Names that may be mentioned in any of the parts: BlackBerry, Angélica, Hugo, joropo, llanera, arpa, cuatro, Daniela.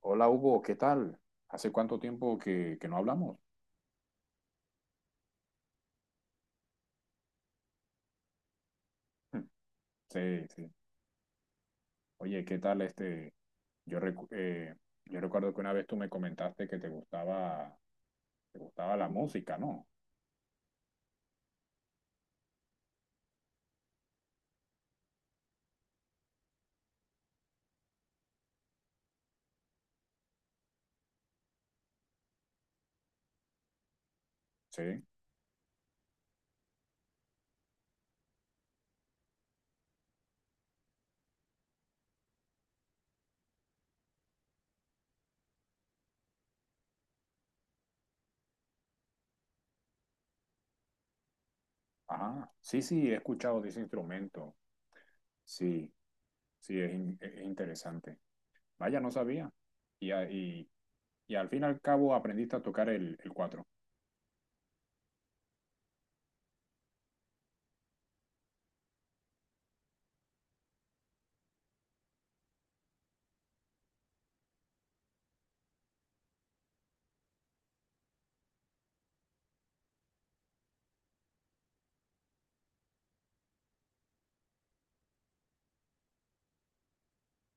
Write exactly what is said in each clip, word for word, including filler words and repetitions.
Hola Hugo, ¿qué tal? ¿Hace cuánto tiempo que, que no hablamos? Hmm, Sí, sí. Oye, ¿qué tal este? Yo, recu- eh, yo recuerdo que una vez tú me comentaste que te gustaba, te gustaba la música, ¿no? Sí. Ajá. Sí, sí, he escuchado de ese instrumento. Sí, sí, es, in- es interesante. Vaya, no sabía. Y, a- y, y al fin y al cabo aprendiste a tocar el, el cuatro.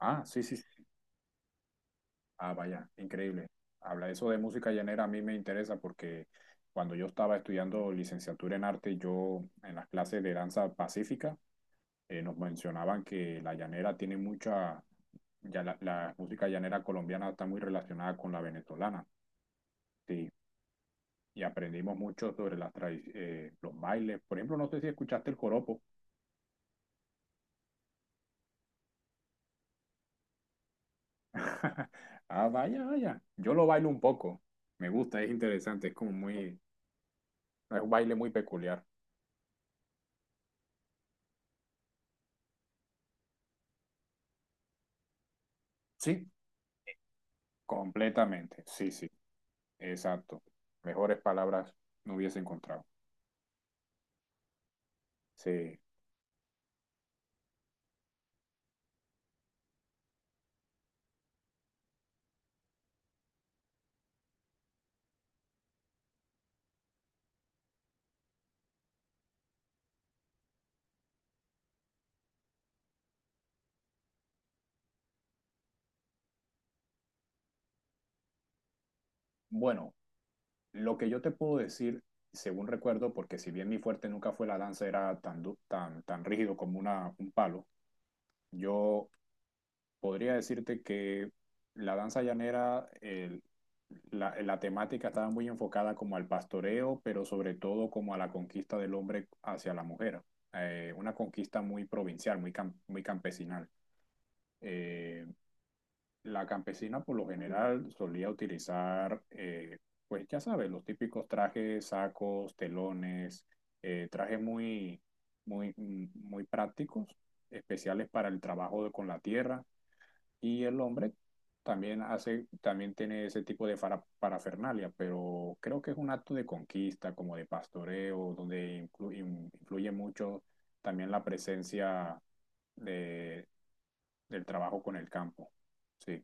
Ah, sí, sí, sí. Ah, vaya, increíble. Habla eso de música llanera, a mí me interesa porque cuando yo estaba estudiando licenciatura en arte, yo en las clases de danza pacífica eh, nos mencionaban que la llanera tiene mucha, ya la, la música llanera colombiana está muy relacionada con la venezolana, sí, y aprendimos mucho sobre las tradi- eh, los bailes. Por ejemplo, no sé si escuchaste el joropo. Ah, vaya, vaya. Yo lo bailo un poco. Me gusta, es interesante, es como muy, es un baile muy peculiar. Sí, completamente, sí, sí, exacto. Mejores palabras no hubiese encontrado. Sí. Bueno, lo que yo te puedo decir, según recuerdo, porque si bien mi fuerte nunca fue la danza, era tan, du- tan, tan rígido como una, un palo, yo podría decirte que la danza llanera, el- la, la temática estaba muy enfocada como al pastoreo, pero sobre todo como a la conquista del hombre hacia la mujer. Eh, una conquista muy provincial, muy, cam- muy campesinal. Eh, La campesina por lo general solía utilizar, eh, pues ya sabes, los típicos trajes, sacos, telones, eh, trajes muy, muy, mm, muy prácticos, especiales para el trabajo de- con la tierra. Y el hombre también hace, también tiene ese tipo de fara- parafernalia, pero creo que es un acto de conquista, como de pastoreo, donde inclu- in- influye mucho también la presencia de, del trabajo con el campo. Sí.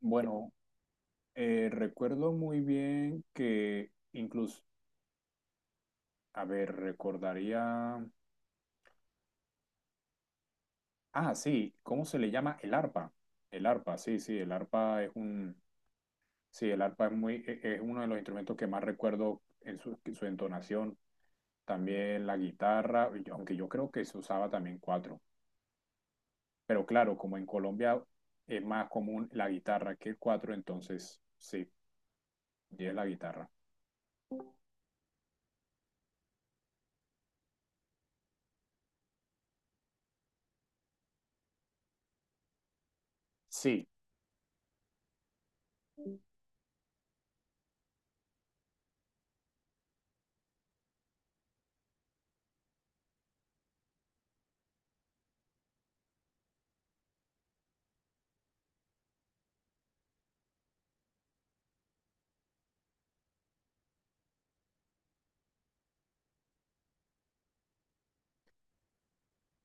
Bueno, eh, recuerdo muy bien que incluso, a ver, recordaría, ah, sí, ¿cómo se le llama? El arpa. El arpa, sí, sí, el arpa es un, sí, el arpa es muy, e- e, es uno de los instrumentos que más recuerdo en su, en su entonación. También la guitarra, y yo- aunque yo creo que se usaba también cuatro. Pero claro, como en Colombia es más común la guitarra que el cuatro, entonces sí, y es la guitarra. Sí,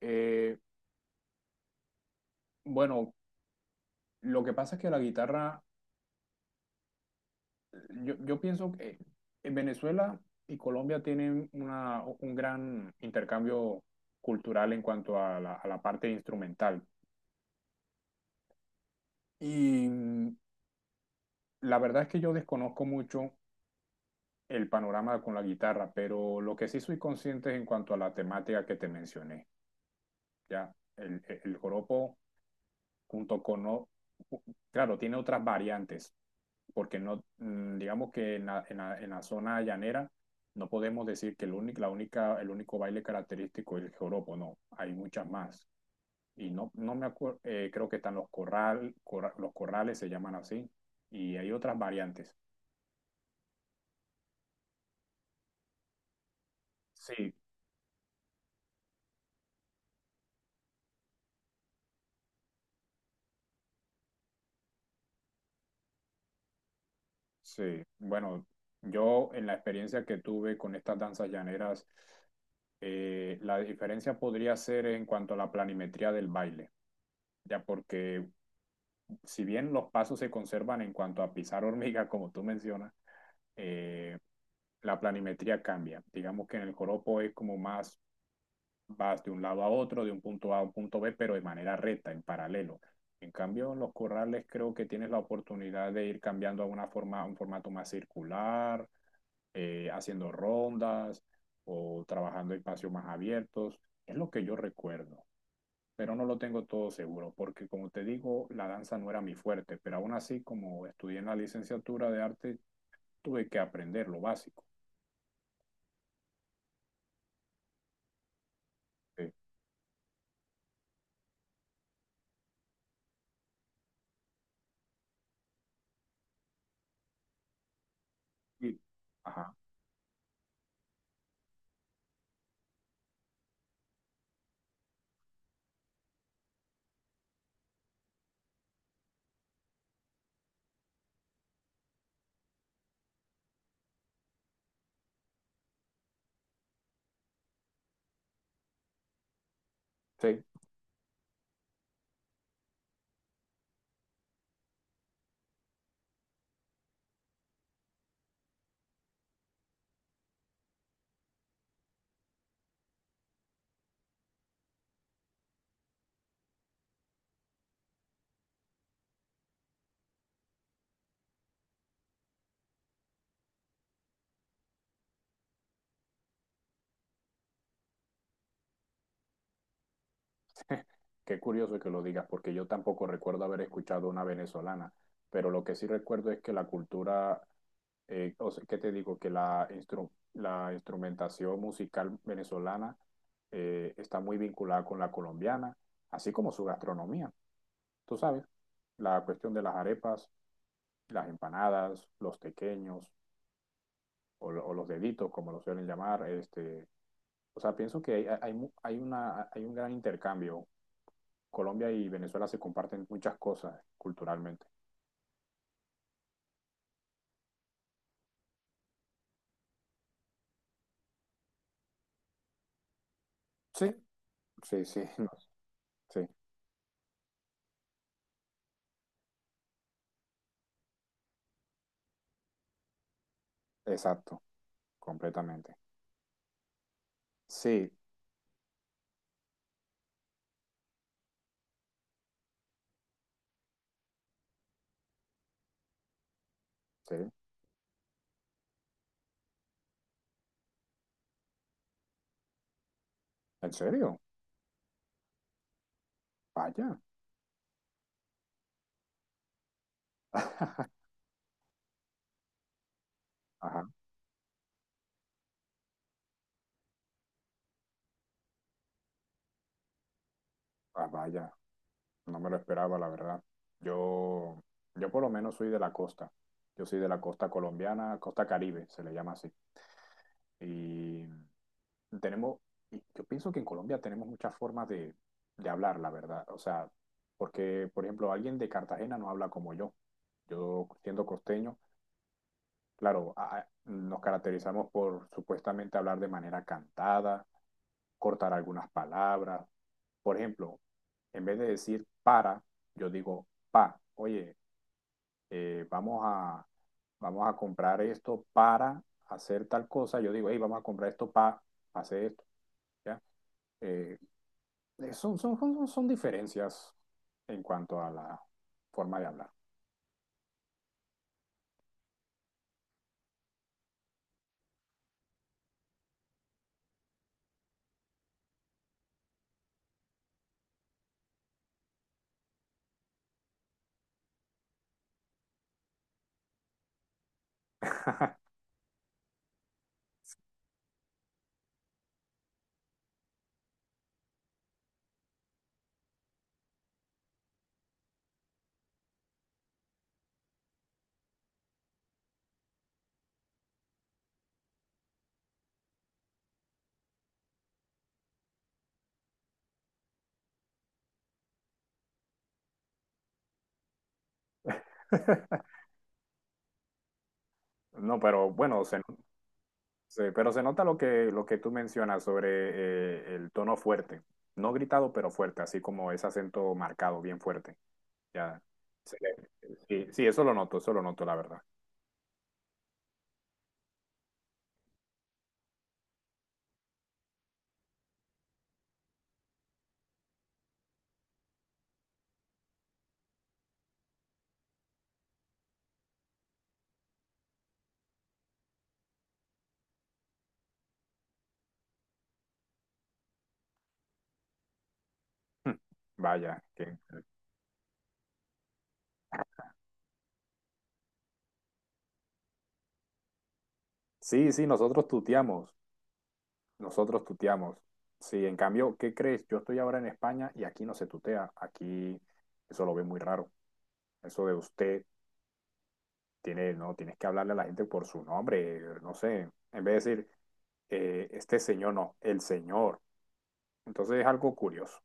eh, bueno, lo que pasa es que la guitarra. Yo, yo pienso que en Venezuela y Colombia tienen una, un gran intercambio cultural en cuanto a la, a la parte instrumental. Y mm, la verdad es que yo desconozco mucho el panorama con la guitarra, pero lo que sí soy consciente es en cuanto a la temática que te mencioné. Ya, el, el joropo junto con... o- Claro, tiene otras variantes porque no, mm, digamos que en la, en la, en la zona llanera no podemos decir que el único, la única, el único baile característico es el joropo, no, hay muchas más. Y no, no me acuerdo, eh, creo que están los corral, corra, los corrales se llaman así, y hay otras variantes. Sí, sí. Bueno, yo en la experiencia que tuve con estas danzas llaneras, eh, la diferencia podría ser en cuanto a la planimetría del baile, ya porque si bien los pasos se conservan en cuanto a pisar hormiga, como tú mencionas, eh, la planimetría cambia. Digamos que en el joropo es como más, vas de un lado a otro, de un punto A a un punto B, pero de manera recta, en paralelo. En cambio, en los corrales creo que tienes la oportunidad de ir cambiando a una forma, a un formato más circular, eh, haciendo rondas o trabajando espacios más abiertos. Es lo que yo recuerdo, pero no lo tengo todo seguro, porque como te digo, la danza no era mi fuerte, pero aún así, como estudié en la licenciatura de arte, tuve que aprender lo básico. Sí. Y- ajá, sí. Qué curioso que lo digas, porque yo tampoco recuerdo haber escuchado una venezolana, pero lo que sí recuerdo es que la cultura, eh, o sea, ¿qué te digo? Que la, instru- la instrumentación musical venezolana eh, está muy vinculada con la colombiana, así como su gastronomía. Tú sabes, la cuestión de las arepas, las empanadas, los tequeños o, lo- o los deditos, como lo suelen llamar. Este, o sea, pienso que hay, hay, mu- hay una, hay un gran intercambio. Colombia y Venezuela se comparten muchas cosas culturalmente. Sí, sí, sí, no, sí, exacto, completamente. Sí, sí, ¿en serio? Vaya. Ajá, ah, vaya. No me lo esperaba, la verdad. Yo, yo por lo menos soy de la costa. Yo soy de la costa colombiana, costa Caribe, se le llama así. Y tenemos, y yo pienso que en Colombia tenemos muchas formas de, de hablar, la verdad. O sea, porque, por ejemplo, alguien de Cartagena no habla como yo. Yo, siendo costeño, claro, a- a- nos caracterizamos por supuestamente hablar de manera cantada, cortar algunas palabras. Por ejemplo, en vez de decir para, yo digo pa. Oye, eh, vamos a, vamos a comprar esto para hacer tal cosa. Yo digo, hey, vamos a comprar esto para hacer esto. ¿Ya? Eh, son, son, son, son diferencias en cuanto a la forma de hablar. No, pero bueno, se, Sí, pero se nota lo que, lo que tú mencionas sobre eh, el tono fuerte. No gritado, pero fuerte, así como ese acento marcado, bien fuerte. Ya. se le- Sí, sí, eso lo noto, eso lo noto, la verdad. Hmm, Vaya, que... Sí, sí, nosotros tuteamos, nosotros tuteamos. Sí, en cambio, ¿qué crees? Yo estoy ahora en España y aquí no se tutea, aquí eso lo ve muy raro. Eso de usted tiene, no, tienes que hablarle a la gente por su nombre, no sé, en vez de decir eh, este señor, no, el señor. Entonces es algo curioso.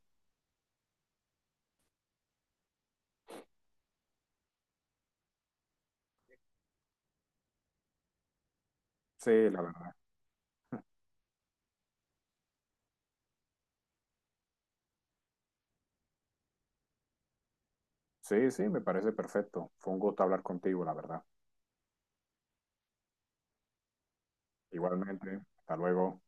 Sí, la verdad. Sí, sí, me parece perfecto. Fue un gusto hablar contigo, la verdad. Igualmente, hasta luego.